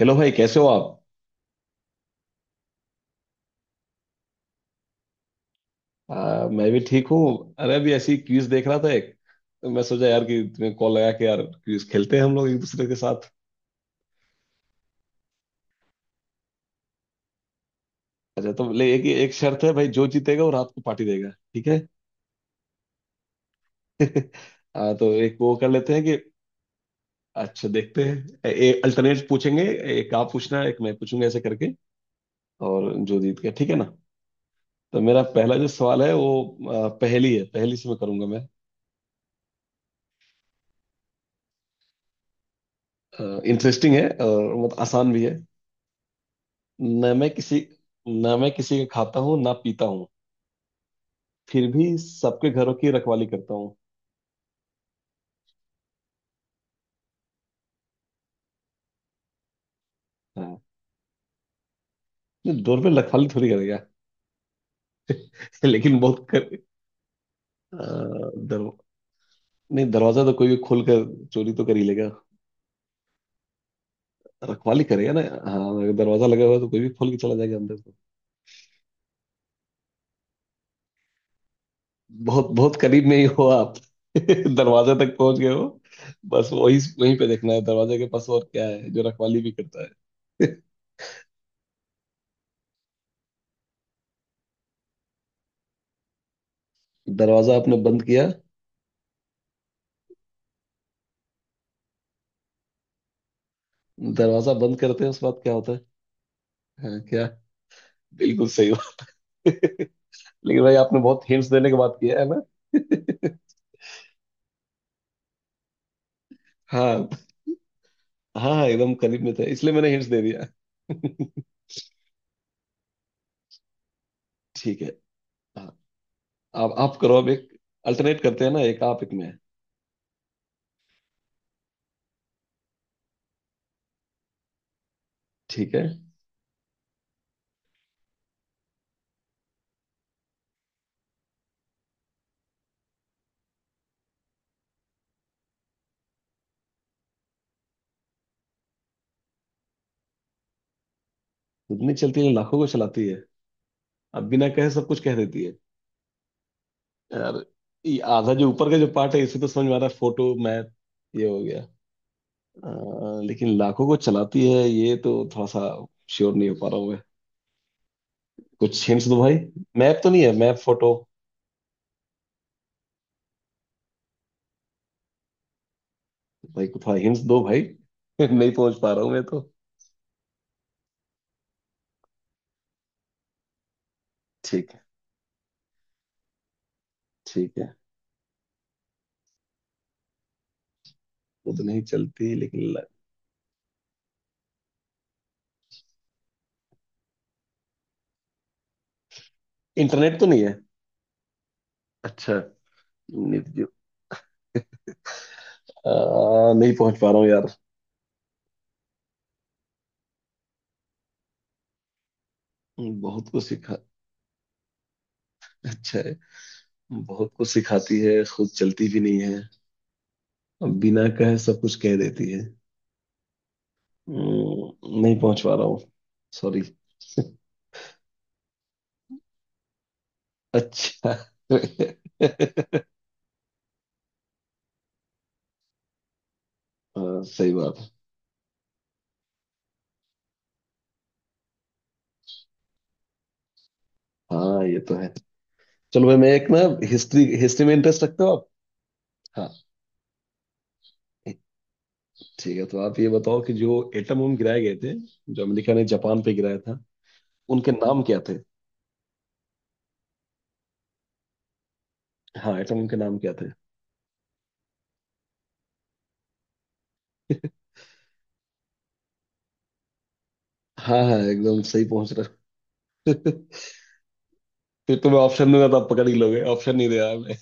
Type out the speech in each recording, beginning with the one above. Hello भाई, कैसे हो आप? मैं भी ठीक हूँ। अरे अभी ऐसी क्विज देख रहा था एक, तो मैं सोचा यार कि तुम्हें कॉल लगा के, यार क्विज खेलते हैं हम लोग एक दूसरे के साथ। अच्छा तो ले, एक एक शर्त है भाई, जो जीतेगा वो रात को पार्टी देगा, ठीक है? तो एक वो कर लेते हैं कि, अच्छा देखते हैं, एक अल्टरनेट पूछेंगे। एक आप पूछना, एक मैं पूछूंगा ऐसे करके, और जो जीत गया, ठीक है ना। तो मेरा पहला जो सवाल है वो पहेली है, पहेली से मैं करूंगा मैं। इंटरेस्टिंग है और बहुत आसान भी है। न मैं किसी न मैं किसी का खाता हूँ ना पीता हूँ, फिर भी सबके घरों की रखवाली करता हूँ। हाँ। नहीं, डोर पे रखवाली थोड़ी करेगा। लेकिन बहुत कर अ, दर, नहीं, दरवाजा तो कोई भी खोल कर चोरी तो कर ही लेगा, रखवाली करेगा ना। हाँ अगर दरवाजा लगा हुआ है तो कोई भी खोल के चला जाएगा अंदर तो। बहुत बहुत करीब में ही हो आप। दरवाजे तक पहुंच गए हो। बस वही वहीं पे देखना है, दरवाजे के पास और क्या है जो रखवाली भी करता है। दरवाजा आपने बंद किया, दरवाजा बंद करते हैं, उसके बाद क्या होता है? हाँ, क्या? बिल्कुल सही हो। लेकिन भाई आपने बहुत हिंट्स देने के बाद किया है ना। हाँ हाँ हाँ, एकदम करीब में था इसलिए मैंने हिंट्स दे दिया। ठीक है। हाँ, आप करो अब एक, अल्टरनेट करते हैं ना, एक आप एक मैं। ठीक है। उतनी चलती है, लाखों को चलाती है, अब बिना कहे सब कुछ कह देती है यार। ये आधा जो ऊपर का जो पार्ट है इसे तो समझ में आ रहा है, फोटो मैथ ये हो गया। लेकिन लाखों को चलाती है ये तो थोड़ा सा श्योर नहीं हो पा रहा हूँ मैं। कुछ हिंट्स दो भाई। मैप तो नहीं है, मैप फोटो? भाई कुछ हिंट्स दो भाई। नहीं पहुंच पा रहा हूँ मैं तो। ठीक है, ठीक है। वो तो नहीं चलती। इंटरनेट तो नहीं है? अच्छा। निर्जीव? नहीं पहुंच पा रहा हूँ यार। बहुत कुछ सिखा? अच्छा है। बहुत कुछ सिखाती है, खुद चलती भी नहीं है, बिना कहे सब कुछ कह देती है। नहीं पहुंच पा रहा हूँ। सॉरी। अच्छा। हाँ, सही बात है। हाँ, ये तो है। चलो भाई, मैं एक ना, हिस्ट्री हिस्ट्री में इंटरेस्ट रखते हो आप? हाँ, ठीक है तो आप ये बताओ कि जो एटम बम गिराए गए थे, जो अमेरिका ने जापान पे गिराया था, उनके नाम क्या थे? हाँ, एटम बम के नाम क्या थे? हाँ हाँ, एकदम सही पहुंच रहे हो। फिर तुम्हें ऑप्शन दूंगा तो आप पकड़ ही लोगे, ऑप्शन नहीं दे रहा मैं।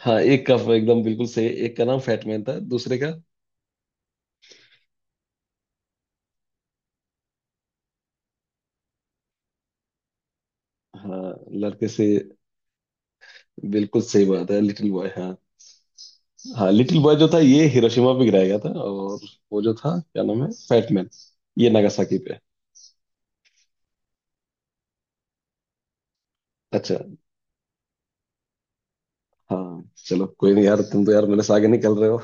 हाँ, एक का एकदम बिल्कुल सही, एक का नाम फैटमैन था, दूसरे का? हाँ, लड़के से। बिल्कुल सही बात है, लिटिल बॉय। हाँ। हाँ, लिटिल बॉय जो था ये हिरोशिमा पे गिराया गया था, और वो जो था क्या नाम है, फैटमैन, ये नागासाकी पे। अच्छा हाँ, चलो कोई नहीं यार, तुम तो यार मेरे से आगे निकल रहे हो।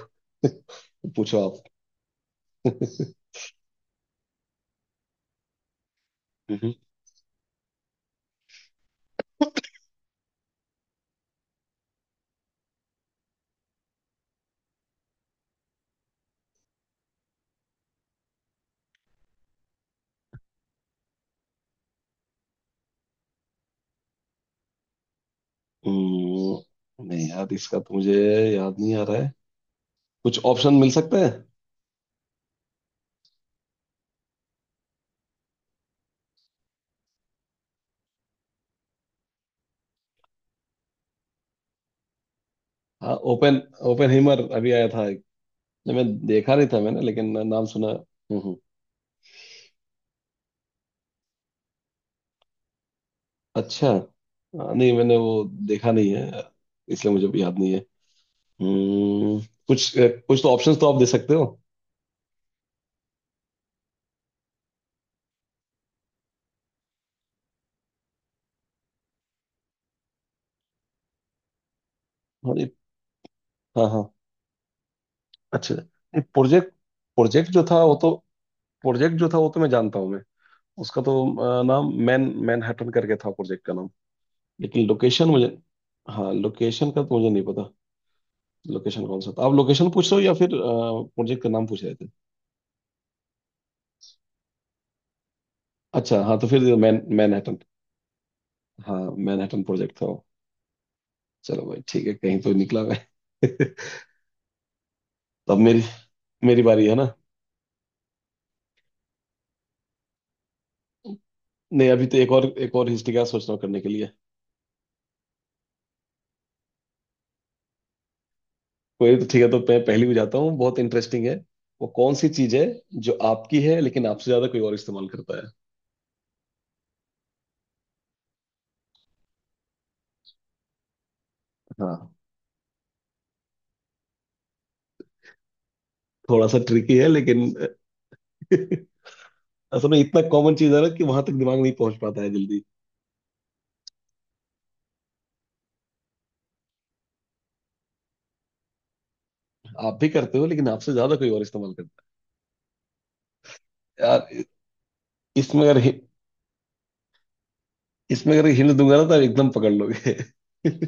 पूछो आप। नहीं यार, इसका तो मुझे याद नहीं आ रहा है। कुछ ऑप्शन मिल सकते हैं? हाँ, ओपन ओपन हीमर अभी आया था एक। नहीं, मैं देखा नहीं था मैंने, लेकिन नाम सुना है। अच्छा हाँ, नहीं मैंने वो देखा नहीं है, इसलिए मुझे भी याद नहीं है। हम्म। कुछ कुछ तो ऑप्शंस तो आप दे सकते हो। हाँ जी। हाँ हाँ, अच्छा, नहीं, प्रोजेक्ट? प्रोजेक्ट जो था वो तो प्रोजेक्ट जो था वो तो मैं जानता हूँ मैं। उसका तो नाम, मैनहट्टन करके था प्रोजेक्ट का नाम। लेकिन लोकेशन मुझे, हाँ लोकेशन का तो मुझे नहीं पता। लोकेशन कौन सा था, आप लोकेशन पूछ रहे हो या फिर प्रोजेक्ट का नाम पूछ रहे थे? अच्छा हाँ, तो फिर मैनहट्टन। हाँ, मैनहट्टन प्रोजेक्ट था वो। चलो भाई ठीक है, कहीं तो निकला मैं। तो अब मेरी मेरी बारी है ना। नहीं, अभी तो एक और हिस्ट्री का सोच रहा हूँ करने के लिए। कोई तो, ठीक है तो मैं पहली भी जाता हूँ, बहुत इंटरेस्टिंग है। वो कौन सी चीज है जो आपकी है लेकिन आपसे ज्यादा कोई और इस्तेमाल करता है? हाँ, थोड़ा सा ट्रिकी है, लेकिन असल में इतना कॉमन चीज है ना कि वहां तक दिमाग नहीं पहुंच पाता है जल्दी। आप भी करते हो लेकिन आपसे ज्यादा कोई और इस्तेमाल करता है। यार, इसमें अगर हि- इसमें अगर हिंट दूंगा ना तो आप एकदम पकड़ लोगे।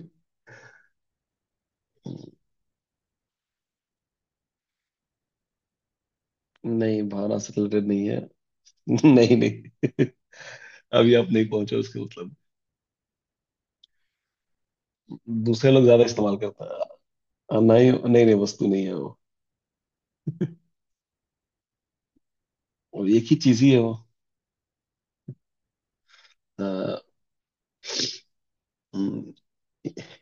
नहीं, भावना से रिलेटेड नहीं है। नहीं नहीं। अभी आप नहीं पहुंचे उसके मतलब। दूसरे लोग ज्यादा इस्तेमाल करता है। नहीं नहीं नहीं, वस्तु नहीं है वो। और एक ही चीज ही है वो। अ, हम्म,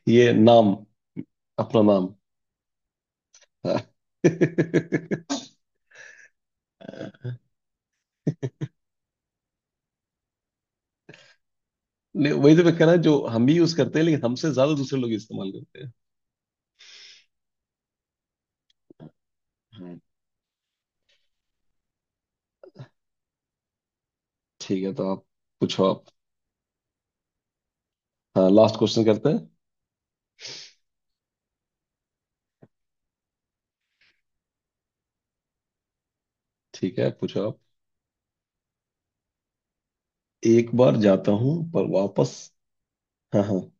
ये नाम, अपना नाम। नहीं, वही तो मैं कह रहा, जो हम भी यूज करते हैं लेकिन हमसे ज्यादा दूसरे लोग इस्तेमाल करते हैं। हाँ, ठीक है तो आप पूछो आप। हाँ, लास्ट क्वेश्चन करते हैं। ठीक है, पूछो आप। एक बार जाता हूँ पर वापस। हाँ हाँ।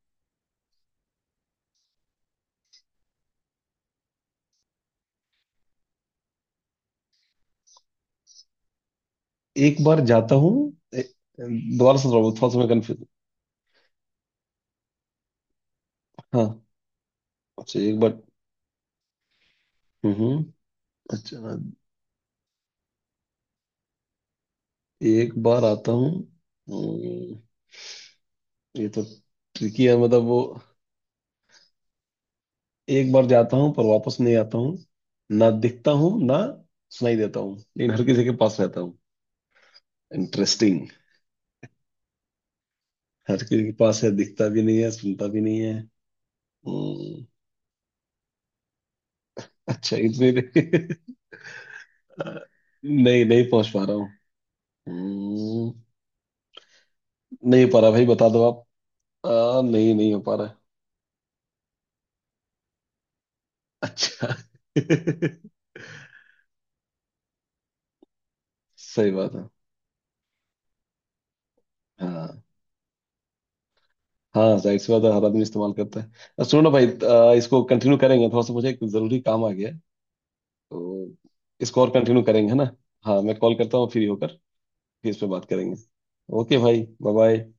एक बार जाता हूँ, दोबारा से दोबारा थोड़ा सा मैं कंफ्यूज। हाँ। अच्छा, एक बार। हम्म। अच्छा, एक बार आता हूँ। हम्म, ये तो ट्रिकी है मतलब वो, एक बार जाता हूँ पर वापस नहीं आता हूँ, ना दिखता हूँ ना सुनाई देता हूँ, लेकिन हर किसी के पास रहता हूँ। इंटरेस्टिंग। हर किसी के पास है, दिखता भी नहीं है, सुनता भी नहीं है। हम्म, अच्छा, नहीं, नहीं पहुंच पा रहा हूँ। हम्म, नहीं हो पा रहा भाई, बता दो आप। नहीं, नहीं हो पा रहा है। अच्छा। सही बात है। हाँ। हाँ, जाहिर सी बात है, हर आदमी इस्तेमाल करता है। अब सुनो ना भाई, इसको कंटिन्यू करेंगे थोड़ा सा, मुझे एक जरूरी काम आ गया है। तो इसको और कंटिन्यू करेंगे, है ना? हाँ, मैं कॉल करता हूँ फ्री होकर, फिर इस पे बात करेंगे। ओके भाई, बाय बाय।